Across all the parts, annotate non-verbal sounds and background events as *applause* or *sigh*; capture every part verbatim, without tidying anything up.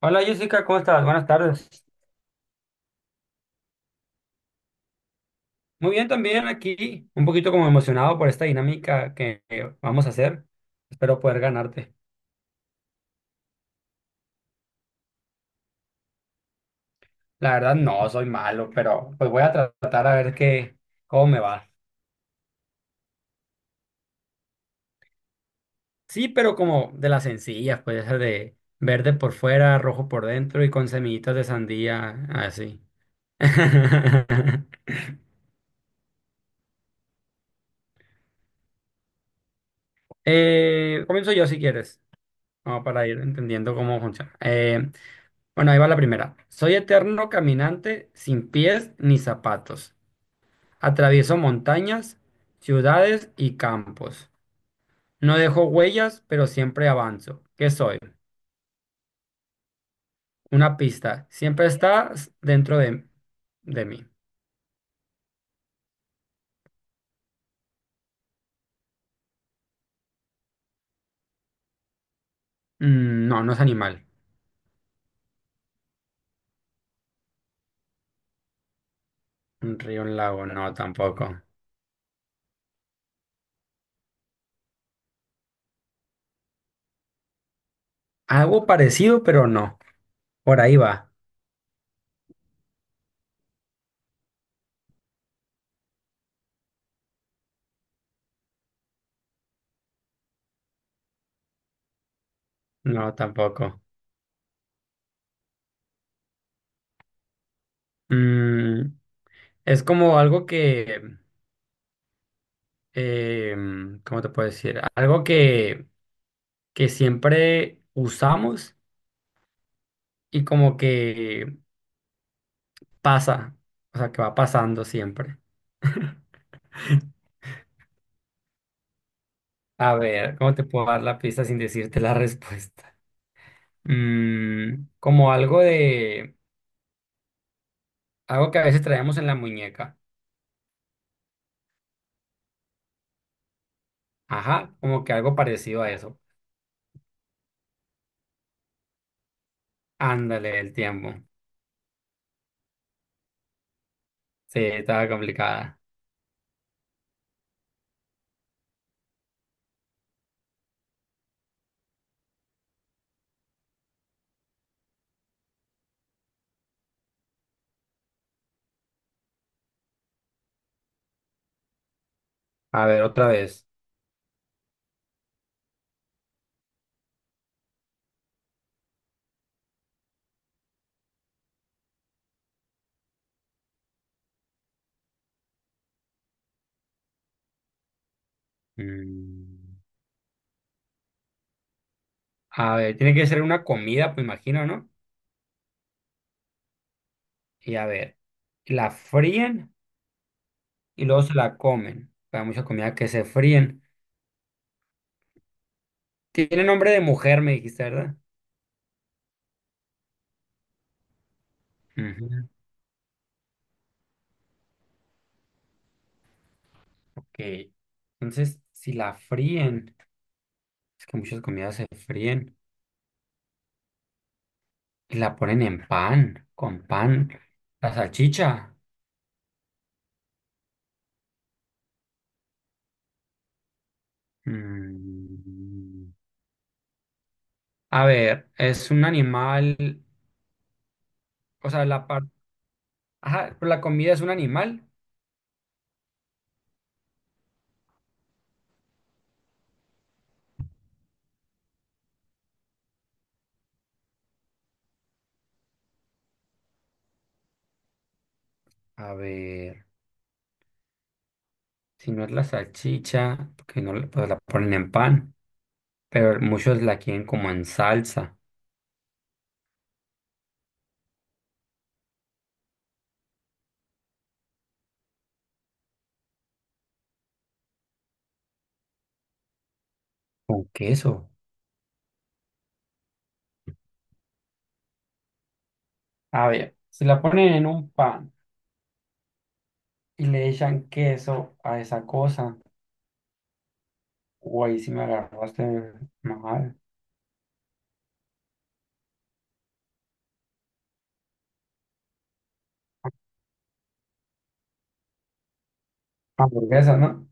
Hola Jessica, ¿cómo estás? Buenas tardes. Muy bien también aquí, un poquito como emocionado por esta dinámica que que vamos a hacer. Espero poder ganarte. La verdad no, soy malo, pero pues voy a tratar a ver qué, cómo me va. Sí, pero como de las sencillas, puede ser de verde por fuera, rojo por dentro y con semillitas de sandía, así. *laughs* Eh, comienzo yo si quieres, como para ir entendiendo cómo funciona. Eh, Bueno, ahí va la primera. Soy eterno caminante sin pies ni zapatos. Atravieso montañas, ciudades y campos. No dejo huellas, pero siempre avanzo. ¿Qué soy? Una pista. Siempre estás dentro de, de mí. Mm, no, no es animal. Un río, un lago, no, tampoco. Algo parecido, pero no. Por ahí va. No, tampoco. Mm, es como algo que, eh, ¿cómo te puedo decir? Algo que... que siempre usamos y como que pasa, o sea, que va pasando siempre. A ver, ¿cómo te puedo dar la pista sin decirte la *laughs* respuesta? Mm, como algo de, algo que a veces traemos en la muñeca. Ajá, como que algo parecido a eso. Ándale, el tiempo. Sí, estaba complicada. A ver, otra vez. Mm, a ver, tiene que ser una comida, pues imagino, ¿no? Y a ver, ¿la fríen? Y luego se la comen. Hay mucha comida que se fríen. Tiene nombre de mujer, me dijiste, ¿verdad? Ujú, ok. Entonces, si la fríen, es que muchas comidas se fríen y la ponen en pan, con pan. La salchicha. mm, A ver, es un animal, o sea, la parte... Ajá, pero la comida es un animal. A ver, si no es la salchicha, porque no, la- pues la ponen en pan, pero muchos la quieren como en salsa. Con queso. A ver, si la ponen en un pan y le echan queso a esa cosa, o ahí sí me agarraste mal. Hamburguesa, ¿no?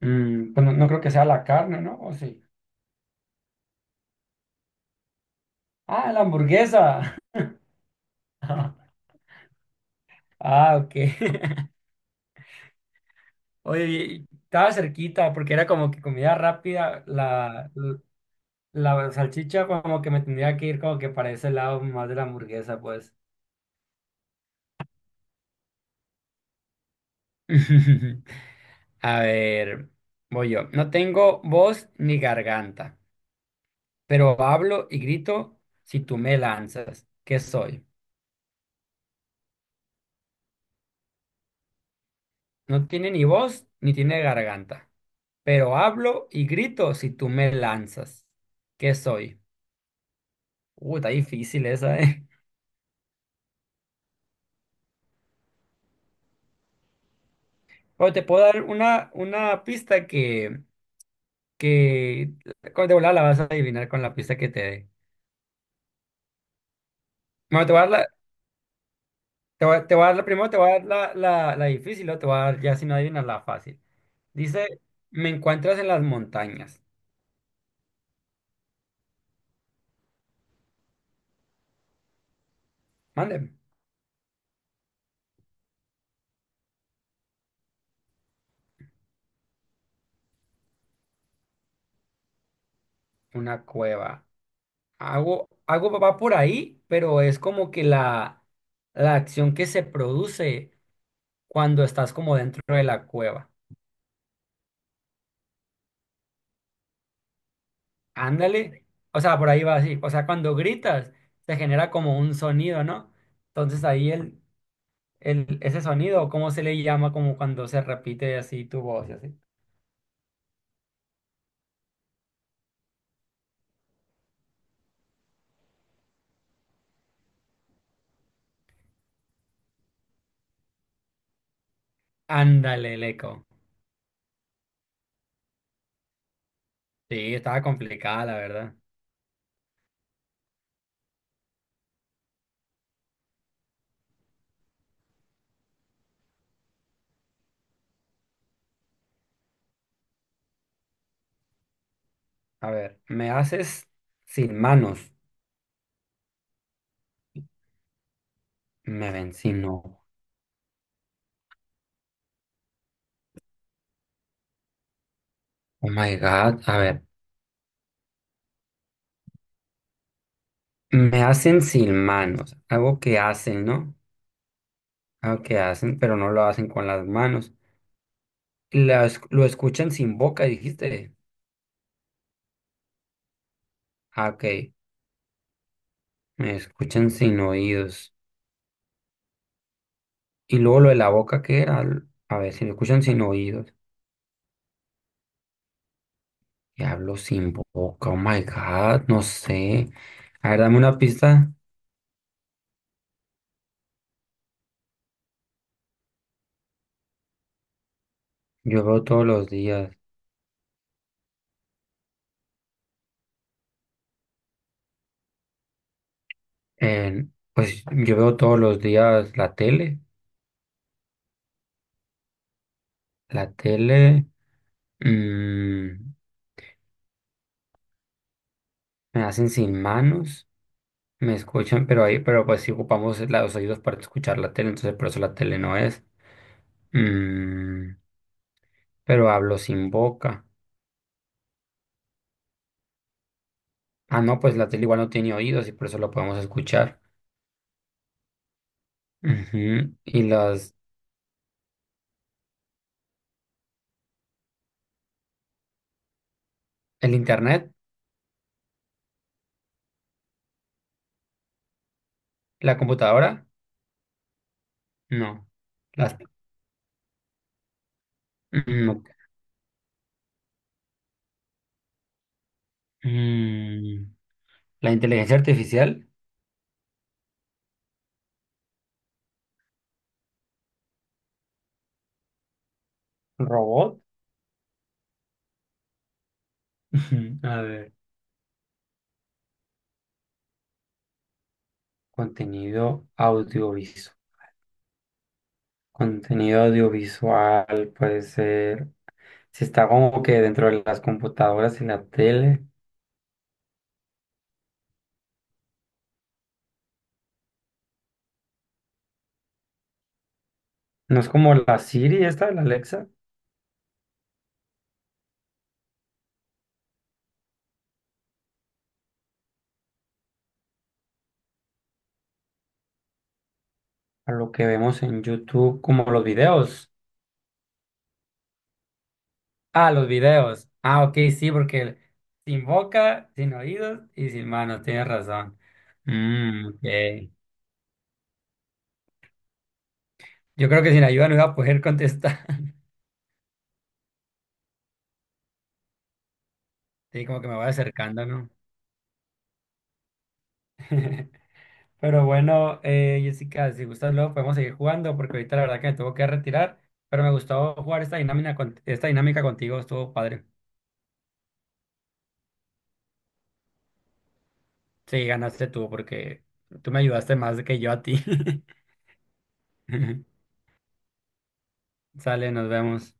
Mm, pues no, no creo que sea la carne, ¿no? ¿O sí? Ah, la hamburguesa. *laughs* Ah, ok. *laughs* Oye, y estaba cerquita porque era como que comida rápida, la, la salchicha como que me tendría que ir como que para ese lado más de la hamburguesa, pues. *laughs* A ver, voy yo. No tengo voz ni garganta, pero hablo y grito si tú me lanzas. ¿Qué soy? No tiene ni voz ni tiene garganta, pero hablo y grito si tú me lanzas. ¿Qué soy? Uh, está difícil esa, ¿eh? *laughs* Pero te puedo dar una, una pista que, que con- de volada la vas a adivinar con la pista que te dé. Bueno, te voy a dar la- Te voy, a te voy a dar la primero, te voy a dar la, la, la difícil, o te voy a dar ya si no adivinas la fácil. Dice, me encuentras en las montañas. Mande, una cueva. hago hago va por ahí, pero es como que la, la acción que se produce cuando estás como dentro de la cueva. Ándale. O sea, por ahí va así. O sea, cuando gritas, se genera como un sonido, ¿no? Entonces ahí el, el, ese sonido, ¿cómo se le llama? Como cuando se repite así tu voz y así. Ándale, el eco. Sí, estaba complicada, la verdad. A ver, me haces sin manos. Me ven sin no. Oh my God. A ver, me hacen sin manos. Algo que hacen, ¿no? Algo que hacen, pero no lo hacen con las manos. Las- lo escuchan sin boca, dijiste. Ah, ok. Me escuchan sin oídos. Y luego lo de la boca, ¿qué era? A ver, si lo escuchan sin oídos. Y hablo sin boca. Oh my God. No sé. A ver, dame una pista. Yo veo todos los días. En- pues yo veo todos los días la tele. La tele mm, me hacen sin manos, me escuchan, pero ahí, pero pues si ocupamos la- los oídos para escuchar la tele, entonces por eso la tele no es. Mm, pero hablo sin boca. Ah, no, pues la tele igual no tiene oídos y por eso lo podemos escuchar. Ujú. Y las, el internet, la computadora, no. Las, mm, no. Mm, la inteligencia artificial, robot. *laughs* A ver. Contenido audiovisual. Contenido audiovisual puede ser, si está como que dentro de las computadoras y la tele, no es como la Siri esta de la Alexa, a lo que vemos en YouTube, como los videos. Ah, los videos. Ah, ok, sí, porque sin boca, sin oídos y sin manos, tienes razón. Mm, ok. Yo creo que sin ayuda no iba a poder contestar. *laughs* Sí, como que me voy acercando, ¿no? *laughs* Pero bueno, eh, Jessica, si gustas luego podemos seguir jugando porque ahorita la verdad que me tengo que retirar, pero me gustó jugar esta dinámica, con- esta dinámica contigo, estuvo padre. Sí, ganaste tú porque tú me ayudaste más que yo a ti. *laughs* Sale, nos vemos.